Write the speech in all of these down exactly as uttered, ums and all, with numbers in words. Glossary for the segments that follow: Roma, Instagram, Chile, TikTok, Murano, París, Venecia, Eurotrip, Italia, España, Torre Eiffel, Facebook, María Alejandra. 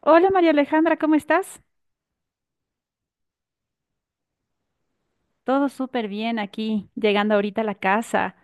Hola María Alejandra, ¿cómo estás? Todo súper bien aquí, llegando ahorita a la casa.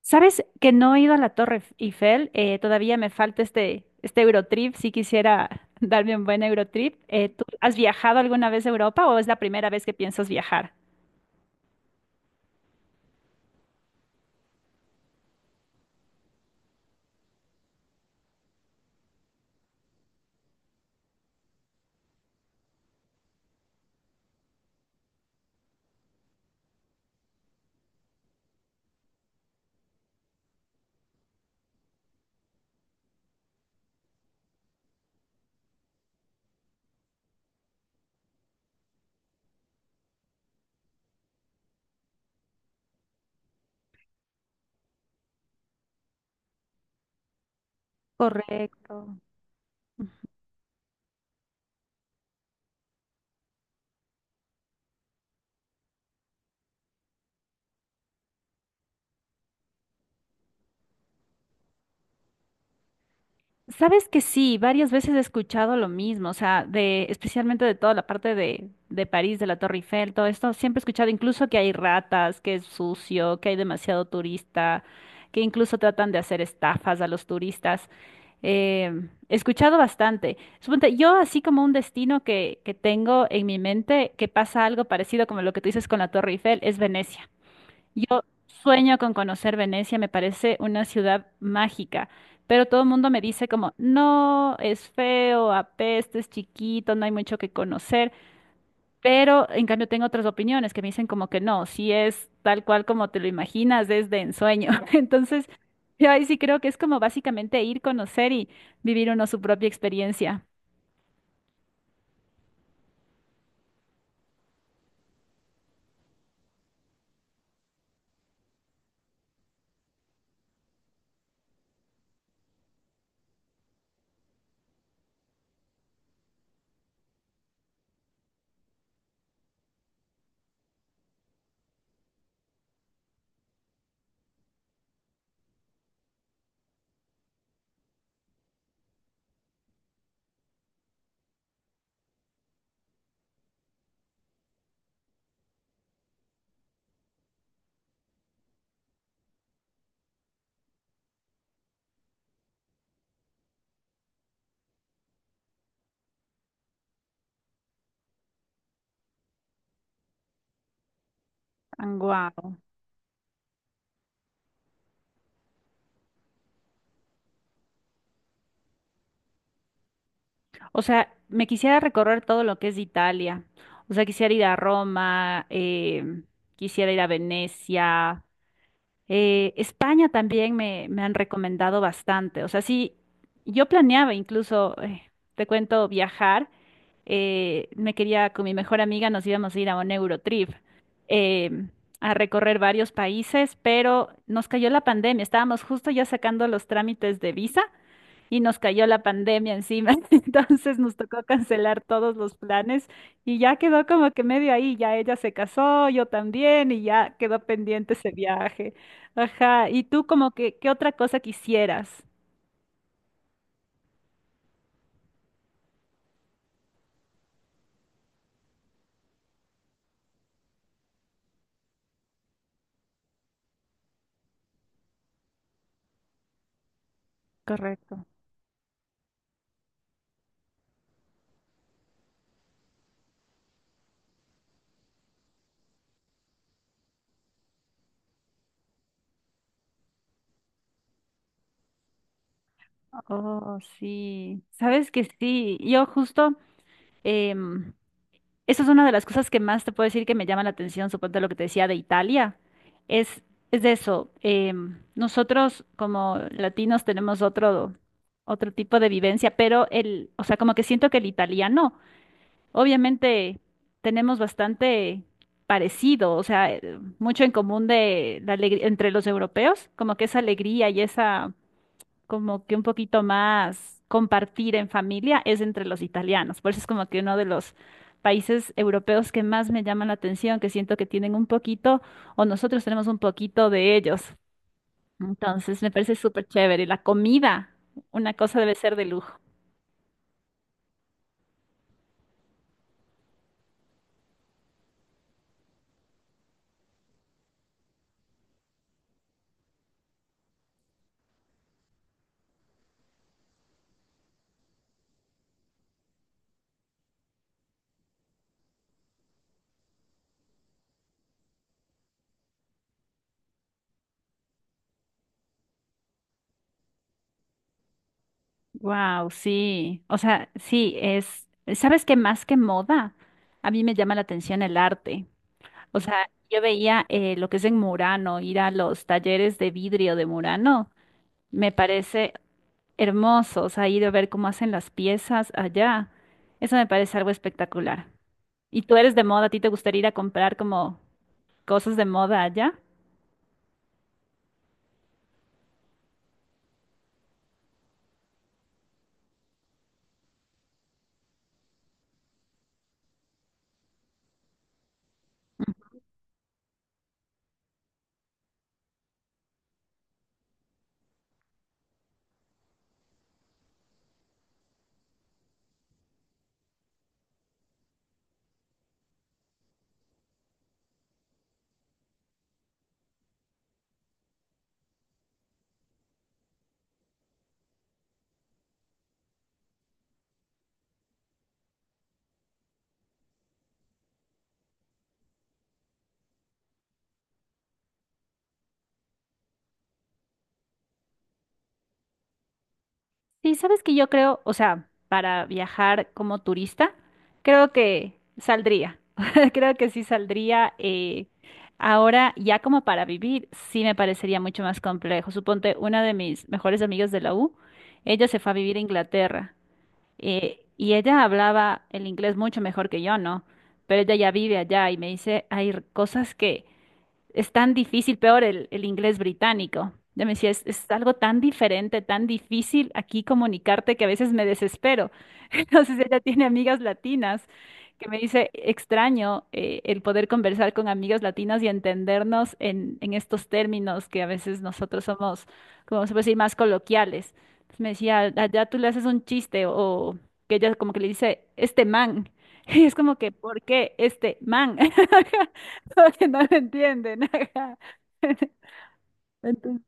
¿Sabes que no he ido a la Torre Eiffel? Eh, todavía me falta este, este Eurotrip, si quisiera darme un buen Eurotrip. Eh, ¿tú has viajado alguna vez a Europa o es la primera vez que piensas viajar? Correcto. Sabes que sí, varias veces he escuchado lo mismo, o sea, de, especialmente de toda la parte de, de París, de la Torre Eiffel, todo esto, siempre he escuchado incluso que hay ratas, que es sucio, que hay demasiado turista, que incluso tratan de hacer estafas a los turistas. Em, he escuchado bastante. Suponte, yo así como un destino que, que tengo en mi mente, que pasa algo parecido como lo que tú dices con la Torre Eiffel, es Venecia. Yo sueño con conocer Venecia, me parece una ciudad mágica, pero todo el mundo me dice como, no, es feo, apesta, es chiquito, no hay mucho que conocer, pero en cambio tengo otras opiniones que me dicen como que no, si es tal cual como te lo imaginas, es de ensueño. Entonces, yo ahí sí creo que es como básicamente ir, conocer y vivir uno su propia experiencia. Guau. O sea, me quisiera recorrer todo lo que es Italia. O sea, quisiera ir a Roma, em, quisiera ir a Venecia. eh, España también me, me han recomendado bastante. O sea, sí, yo planeaba incluso, eh, te cuento, viajar. Eh, me quería, con mi mejor amiga, nos íbamos a ir a un Eurotrip. em, a recorrer varios países, pero nos cayó la pandemia. Estábamos justo ya sacando los trámites de visa y nos cayó la pandemia encima, entonces nos tocó cancelar todos los planes y ya quedó como que medio ahí, ya ella se casó, yo también y ya quedó pendiente ese viaje. Ajá, ¿y tú como que qué otra cosa quisieras? Correcto. Oh, sí. Sabes que sí, yo justo em, esa es una de las cosas que más te puedo decir que me llama la atención, suponte lo que te decía de Italia, es, es de eso. Em, nosotros como latinos tenemos otro, otro tipo de vivencia, pero el, o sea, como que siento que el italiano, obviamente tenemos bastante parecido, o sea, eh, mucho en común de la alegría entre los europeos, como que esa alegría y esa como que un poquito más compartir en familia es entre los italianos. Por eso es como que uno de los países europeos que más me llaman la atención, que siento que tienen un poquito, o nosotros tenemos un poquito de ellos. Entonces me parece súper chévere. La comida, una cosa debe ser de lujo. Wow, sí. O sea, sí, es, ¿sabes qué más que moda? A mí me llama la atención el arte. O sea, yo veía eh, lo que es en Murano, ir a los talleres de vidrio de Murano. Me parece hermosos, ha ido a ver cómo hacen las piezas allá. Eso me parece algo espectacular. ¿Y tú eres de moda? ¿A ti te gustaría ir a comprar como cosas de moda allá? Sí, sabes que yo creo, o sea, para viajar como turista, creo que saldría. Creo que sí saldría. Eh, ahora, ya como para vivir, sí me parecería mucho más complejo. Suponte, una de mis mejores amigas de la U, ella se fue a vivir a Inglaterra. Eh, y ella hablaba el inglés mucho mejor que yo, ¿no? Pero ella ya vive allá y me dice, hay r- cosas que es tan difícil, peor el, el inglés británico. Ella me decía, es, es algo tan diferente, tan difícil aquí comunicarte que a veces me desespero. No sé si ella tiene amigas latinas, que me dice, extraño eh, el poder conversar con amigas latinas y entendernos en, en estos términos que a veces nosotros somos, como se puede decir, más coloquiales. Entonces me decía, allá tú le haces un chiste o que ella como que le dice, este man. Y es como que, ¿por qué este man? Porque no lo entienden. Ajá. Entonces,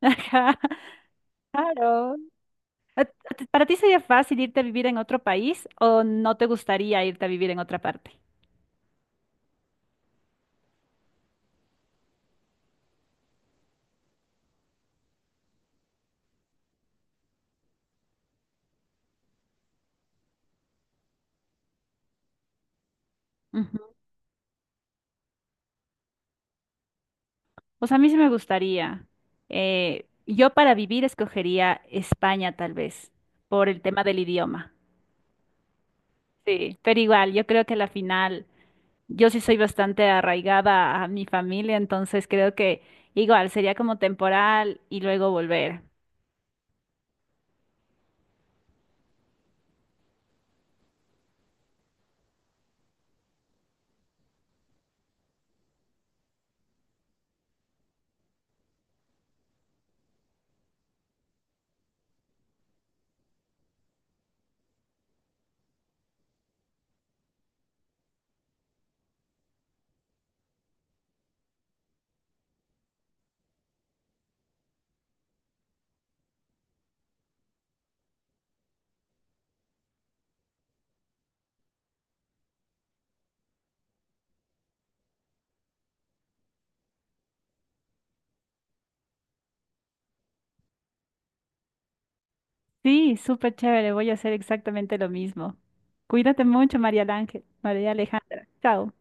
ajá, claro. ¿A- a ¿Para ti sería fácil irte a vivir en otro país o no te gustaría irte a vivir en otra parte? Ujú. Pues a mí sí me gustaría. Eh, yo para vivir escogería España tal vez, por el tema del idioma. Sí, pero igual, yo creo que a la final, yo sí soy bastante arraigada a mi familia, entonces creo que igual sería como temporal y luego volver. Sí, súper chévere, voy a hacer exactamente lo mismo. Cuídate mucho, María Ángel, María Alejandra. Chao.